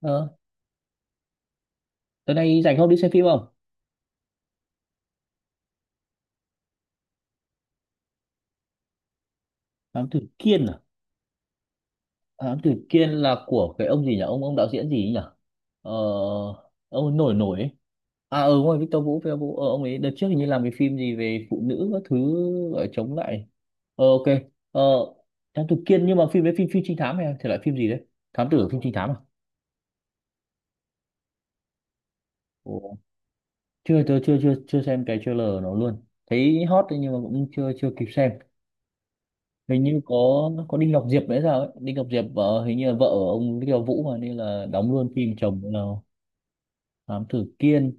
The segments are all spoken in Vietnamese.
Ờ, Tới nay rảnh không, đi xem phim không? Thám tử Kiên à? Thám tử Kiên là của cái ông gì nhỉ? Ông đạo diễn gì ấy nhỉ? Ờ, ông ấy nổi nổi ấy. Ngoài Victor Vũ, Victor Vũ. Ờ, ông ấy đợt trước hình như làm cái phim gì về phụ nữ các thứ gọi là chống lại. Ok. Ờ, Thám tử Kiên, nhưng mà phim đấy phim phim trinh thám hay là thể loại phim gì đấy? Thám tử phim trinh thám à? Ồ. Chưa, tôi chưa chưa chưa xem cái trailer nó luôn. Thấy hot đấy nhưng mà cũng chưa chưa kịp xem. Hình như có Đinh Ngọc Diệp đấy sao ấy, Đinh Ngọc Diệp vợ hình như là vợ ông Đinh Ngọc Vũ mà, nên là đóng luôn phim chồng là Thám Tử Kiên.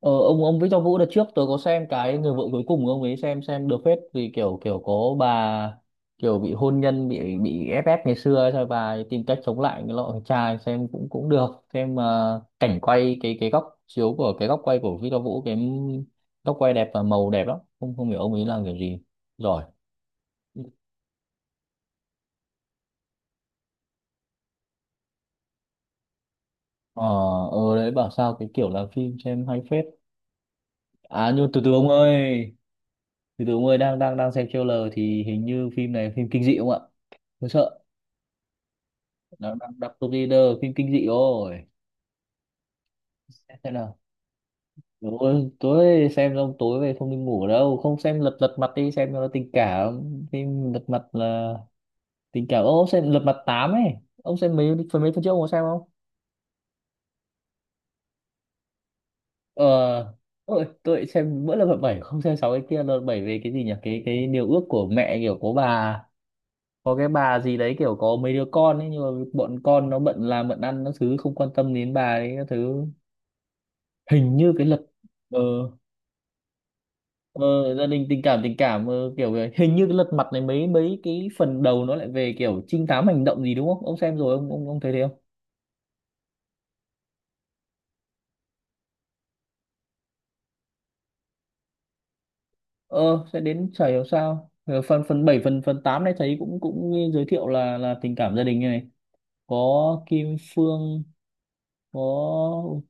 Ông Victor Vũ đợt trước tôi có xem cái Người Vợ Cuối Cùng của ông ấy, xem được phết vì kiểu kiểu có bà kiểu bị hôn nhân, bị ép ép ngày xưa ấy, rồi bà ấy tìm cách chống lại cái loại thằng trai, xem cũng cũng được. Xem cảnh quay, cái góc chiếu của, cái góc quay của Victor Vũ, cái góc quay đẹp và màu đẹp lắm, không không hiểu ông ấy làm kiểu gì giỏi. Ờ, đấy bảo sao cái kiểu làm phim xem hay phết. À nhưng từ từ ông ơi, từ từ ông ơi, đang đang đang xem trailer thì hình như phim này phim kinh dị không ạ? Tôi sợ. Đang đang đọc top leader phim kinh dị rồi. Xem thế nào. Ôi, tối xem xong tối về không đi ngủ đâu, không xem lật lật mặt, đi xem cho nó tình cảm. Phim lật mặt là tình cảm. Ô, ông xem lật mặt 8 ấy. Ông xem mấy phần trước ông có xem không? Ờ, tôi, xem mỗi lần hợp bảy, không xem sáu, cái kia lần bảy về cái gì nhỉ, cái điều ước của mẹ, kiểu có bà, có cái bà gì đấy kiểu có mấy đứa con ấy nhưng mà bọn con nó bận làm bận ăn nó thứ không quan tâm đến bà ấy các thứ. Hình như cái lật, ờ, ờ, gia đình tình cảm, kiểu vậy. Hình như cái lật mặt này mấy mấy cái phần đầu nó lại về kiểu trinh thám hành động gì đúng không, ông xem rồi ông thấy thế không? Ờ sẽ đến chảy hiểu sao. Ờ, phần phần bảy, phần phần 8 này thấy cũng cũng giới thiệu là tình cảm gia đình này, có Kim Phương, có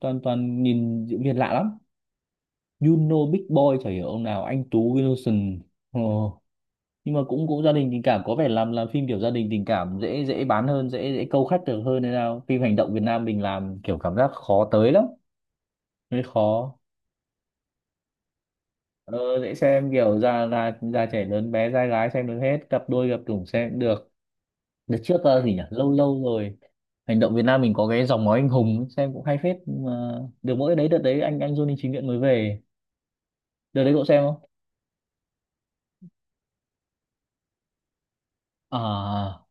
toàn toàn nhìn diễn viên lạ lắm, Juno Big Boy chả hiểu ông nào, anh Tú Wilson. Ờ, nhưng mà cũng cũng gia đình tình cảm, có vẻ làm phim kiểu gia đình tình cảm dễ dễ bán hơn, dễ dễ câu khách được hơn, nên nào phim hành động Việt Nam mình làm kiểu cảm giác khó tới lắm, hơi khó. ờ, Dễ xem kiểu già già già trẻ lớn bé trai gái xem được hết, cặp đôi cặp chủng xem được. Đợt trước gì nhỉ, lâu lâu rồi, hành động Việt Nam mình có cái Dòng Máu Anh Hùng ấy, xem cũng hay phết nhưng mà được mỗi đấy, đợt đấy anh Johnny Chính Nguyện mới về, đợt đấy cậu xem không? À,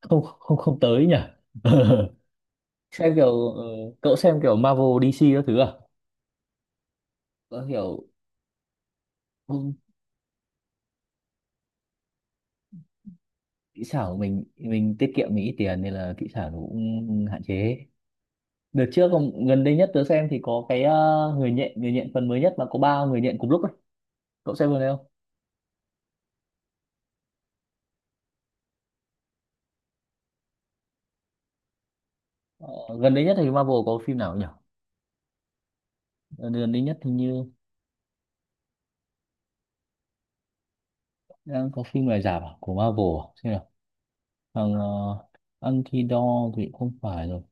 không không không tới nhỉ. Xem kiểu cậu xem kiểu Marvel DC các thứ à? Có kiểu, không, kỹ xảo của mình tiết kiệm, mình ít tiền nên là kỹ xảo nó cũng hạn chế. Đợt trước còn gần đây nhất tớ xem thì có cái người nhện, người nhện phần mới nhất mà có ba người nhện cùng lúc ấy, cậu xem vừa đấy không? Ờ, gần đây nhất thì Marvel có phim nào nhỉ? Ờ, gần đây nhất hình như đang có phim này giả bảo của Marvel à? Xem nào. Thằng Anti-Dog thì không phải rồi,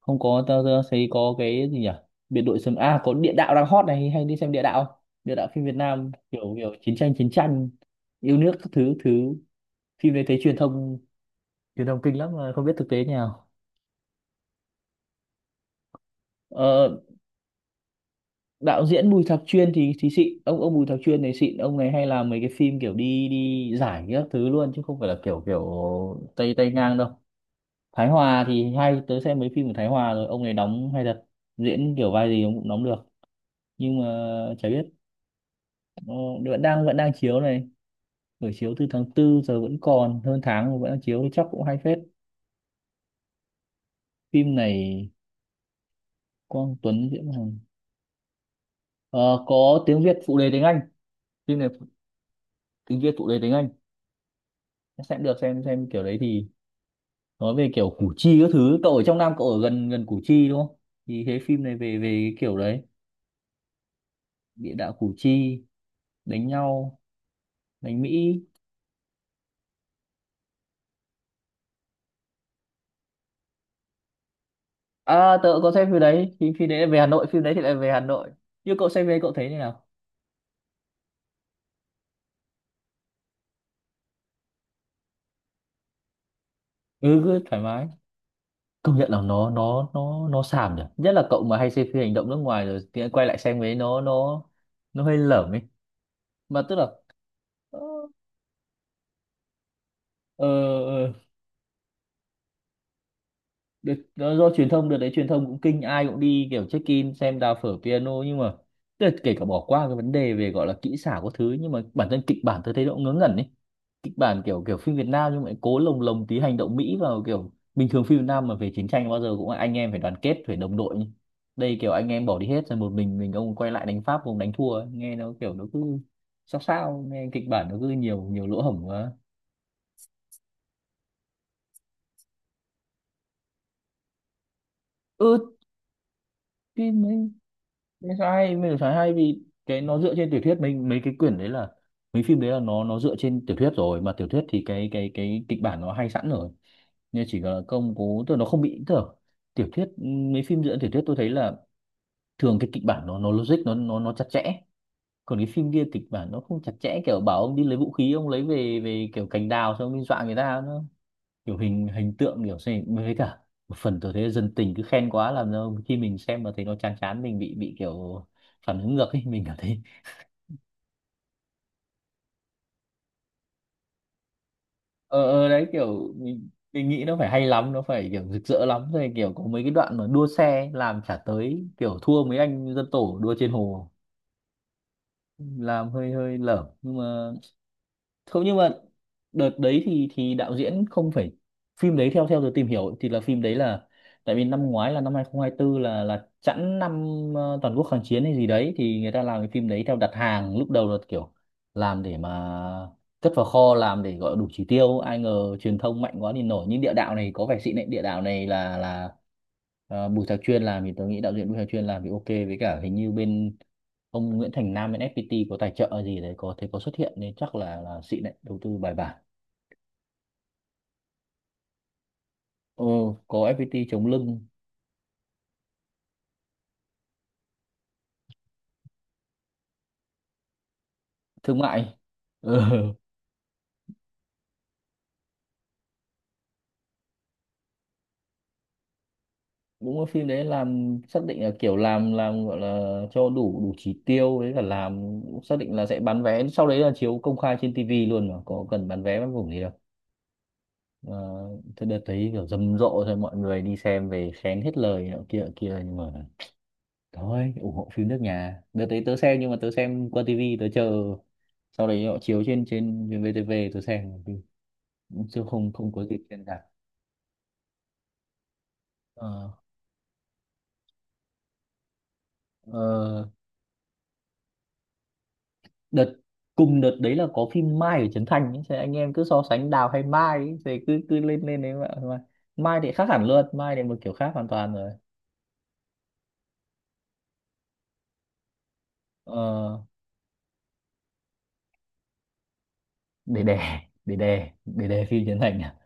không có, tao tao thấy có cái gì nhỉ, biệt đội sấm a, có địa đạo đang hot này, hay đi xem địa đạo không? Địa đạo phim Việt Nam kiểu kiểu chiến tranh yêu nước các thứ thứ, phim đấy thấy truyền thông kinh lắm mà không biết thực tế như nào. Ờ, đạo diễn Bùi Thạc Chuyên thì xịn, ông Bùi Thạc Chuyên này xịn, ông này hay làm mấy cái phim kiểu đi đi giải các thứ luôn, chứ không phải là kiểu kiểu tay tay ngang đâu. Thái Hòa thì hay, tớ xem mấy phim của Thái Hòa rồi, ông này đóng hay thật, diễn kiểu vai gì ông cũng đóng được. Nhưng mà chả biết, nó vẫn đang, vẫn đang chiếu này, buổi chiếu từ tháng tư giờ vẫn còn hơn tháng mà vẫn đang chiếu thì chắc cũng hay phết. Phim này Quang Tuấn diễn hàng, ờ, có tiếng Việt phụ đề tiếng Anh. Phim này tiếng Việt phụ đề tiếng Anh, sẽ được xem kiểu đấy thì nói về kiểu Củ Chi các thứ. Cậu ở trong Nam, cậu ở gần gần Củ Chi đúng không, thì thế phim này về về cái kiểu đấy, địa đạo Củ Chi, đánh nhau, đánh Mỹ. À, tớ cũng có xem phim đấy, thì phim đấy lại về Hà Nội, phim đấy thì lại về Hà Nội. Như cậu xem về cậu thấy như nào? Ừ cứ thoải mái. Công nhận là nó xàm nhỉ, nhất là cậu mà hay xem phim hành động nước ngoài rồi thì quay lại xem ấy, nó nó hơi lởm ấy. Mà tức là ờ, ờ, được, do truyền thông đợt đấy truyền thông cũng kinh, ai cũng đi kiểu check in xem đào phở piano, nhưng mà tức là kể cả bỏ qua cái vấn đề về gọi là kỹ xảo có thứ, nhưng mà bản thân kịch bản tôi thấy nó cũng ngớ ngẩn ấy. Kịch bản kiểu kiểu phim Việt Nam nhưng mà lại cố lồng lồng tí hành động Mỹ vào, kiểu bình thường phim Việt Nam mà về chiến tranh bao giờ cũng là anh em phải đoàn kết phải đồng đội nhỉ. Đây kiểu anh em bỏ đi hết rồi một mình ông quay lại đánh Pháp, ông đánh thua ấy. Nghe nó kiểu nó cứ sao sao, nghe kịch bản nó cứ nhiều nhiều lỗ hổng quá. Ừ, phim ấy mình phải hay, mình phải hay vì cái nó dựa trên tiểu thuyết, mình mấy cái quyển đấy là, mấy phim đấy là nó dựa trên tiểu thuyết rồi, mà tiểu thuyết thì cái kịch bản nó hay sẵn rồi, nên chỉ là công cố tức là nó không bị, tức là tiểu thuyết, mấy phim dựa trên tiểu thuyết tôi thấy là thường cái kịch bản nó logic, nó chặt chẽ. Còn cái phim kia kịch bản nó không chặt chẽ, kiểu bảo ông đi lấy vũ khí ông lấy về về kiểu cành đào xong ông đi dọa người ta, nó kiểu hình hình tượng kiểu gì, với cả một phần tôi thấy dân tình cứ khen quá làm cho khi mình xem mà thấy nó chán chán mình bị kiểu phản ứng ngược ấy. Mình cảm thấy ờ, đấy kiểu mình nghĩ nó phải hay lắm, nó phải kiểu rực rỡ lắm rồi, kiểu có mấy cái đoạn mà đua xe ấy, làm chả tới, kiểu thua mấy anh dân tổ đua trên hồ, làm hơi hơi lởm nhưng mà không, nhưng mà đợt đấy thì đạo diễn không phải, phim đấy theo theo tôi tìm hiểu thì là phim đấy là, tại vì năm ngoái là năm 2024 là chẵn năm toàn quốc kháng chiến hay gì đấy, thì người ta làm cái phim đấy theo đặt hàng, lúc đầu là kiểu làm để mà cất vào kho, làm để gọi đủ chỉ tiêu, ai ngờ truyền thông mạnh quá thì nổi. Nhưng địa đạo này có vẻ xịn đấy, địa đạo này là Bùi Thạc Chuyên làm, thì tôi nghĩ đạo diễn Bùi Thạc Chuyên làm thì ok, với cả hình như bên ông Nguyễn Thành Nam bên FPT có tài trợ gì đấy, có thấy có xuất hiện, nên chắc là xịn đấy, đầu tư bài bản. Ừ, có FPT chống lưng thương mại. Ừ. Đúng là phim đấy làm xác định là kiểu làm gọi là cho đủ đủ chỉ tiêu đấy, là làm xác định là sẽ bán vé, sau đấy là chiếu công khai trên TV luôn mà có cần bán vé bán vùng gì đâu. Ờ, Thế đợt thấy kiểu rầm rộ rồi mọi người đi xem về khen hết lời nọ kia nọ kia, nhưng mà thôi ủng hộ phim nước nhà. Đợt đấy tớ xem, nhưng mà tớ xem qua tivi, tớ chờ sau đấy họ chiếu trên trên VTV tớ xem, chứ không, không có dịp xem cả. ờ, ờ, đợt Cùng đợt đấy là có phim Mai ở Trấn Thành ấy. Thế anh em cứ so sánh Đào hay Mai ấy. Thế cứ cứ lên lên đấy mà Mai thì khác hẳn luôn, Mai thì một kiểu khác hoàn toàn rồi. ờ, để đè, để đè phim Trấn Thành à?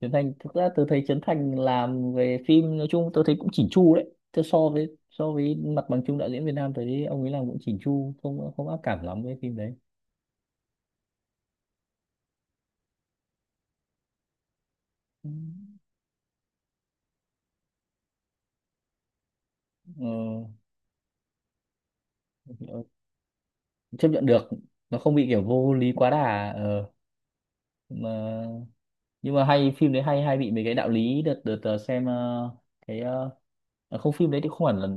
Trấn Thành thực ra tôi thấy Trấn Thành làm về phim nói chung tôi thấy cũng chỉn chu đấy. Thế so với mặt bằng chung đạo diễn Việt Nam tôi thấy ông ấy làm cũng chỉn chu, không không ác cảm lắm với phim đấy. Ừ. ờ, Chấp nhận được, nó không bị kiểu vô lý quá đà. Ờ, mà nhưng mà hay, phim đấy hay hay bị mấy cái đạo lý. Đợt đợt ờ, Xem cái ờ, không, phim đấy thì không hẳn là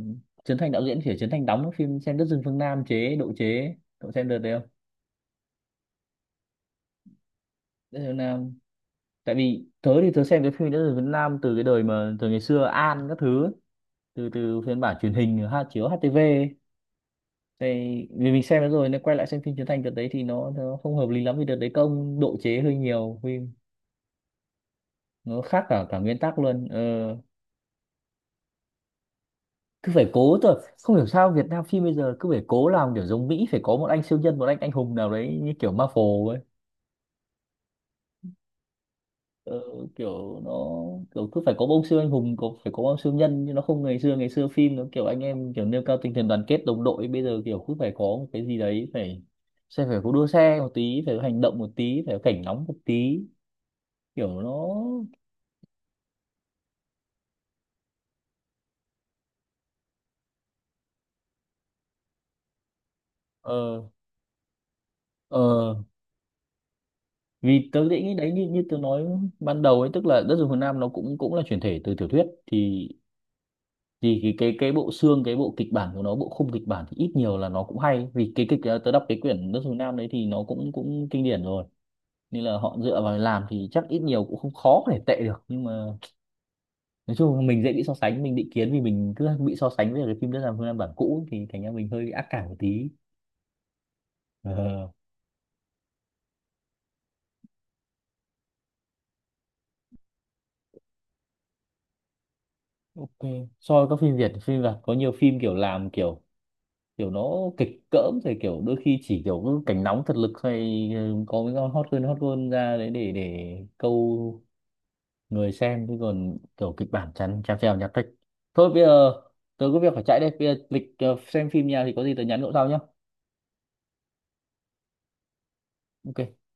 Trấn Thành đạo diễn, chỉ là Trấn Thành đóng phim. Xem Đất rừng phương Nam chế độ chế, cậu xem đợt đấy không? Đất rừng phương Nam, tại vì tớ thì tớ xem cái phim nữ Tử Việt Nam từ cái đời mà từ ngày xưa An các thứ ấy. Từ từ phiên bản truyền hình ha, chiếu HTV ấy. Thì vì mình xem nó rồi nên quay lại xem phim Trấn Thành đợt đấy thì nó không hợp lý lắm, vì đợt đấy công độ chế hơi nhiều phim, nó khác cả cả nguyên tắc luôn. Ờ, Cứ phải cố thôi, không hiểu sao Việt Nam phim bây giờ cứ phải cố làm kiểu giống Mỹ, phải có một anh siêu nhân, một anh hùng nào đấy như kiểu Marvel ấy. Ờ, kiểu nó kiểu cứ phải có ông siêu anh hùng, có phải có ông siêu nhân. Nhưng nó không, ngày xưa ngày xưa phim nó kiểu anh em, kiểu nêu cao tinh thần đoàn kết đồng đội, bây giờ kiểu cứ phải có một cái gì đấy, phải sẽ phải có đua xe một tí, phải có hành động một tí, phải có cảnh nóng một tí, kiểu nó. ờ ờ Vì tớ nghĩ đấy, như như tớ nói ban đầu ấy, tức là Đất rừng Phương Nam nó cũng cũng là chuyển thể từ tiểu thuyết, thì cái cái bộ xương, cái bộ kịch bản của nó, bộ khung kịch bản thì ít nhiều là nó cũng hay, vì cái kịch tớ đọc cái quyển Nước Dùng Nam đấy thì nó cũng cũng kinh điển rồi, nên là họ dựa vào làm thì chắc ít nhiều cũng không khó để tệ được. Nhưng mà nói chung là mình dễ bị so sánh, mình định kiến vì mình cứ bị so sánh với cái phim Đất Làm Phương Nam bản cũ, thì thành ra mình hơi bị ác cảm một tí. Ờ, ok. So với các phim Việt, phim Việt có nhiều phim kiểu làm kiểu, kiểu nó kịch cỡm, rồi kiểu đôi khi chỉ kiểu cảnh nóng thật lực, hay ừ, có cái con hot girl, hot girl ra đấy để câu người xem, chứ còn kiểu kịch bản chán chèo, chèo nhạt thích. Thôi bây giờ tớ có việc phải chạy đây, bây giờ lịch xem phim nhà thì có gì tớ nhắn cậu sau nhá. Ok.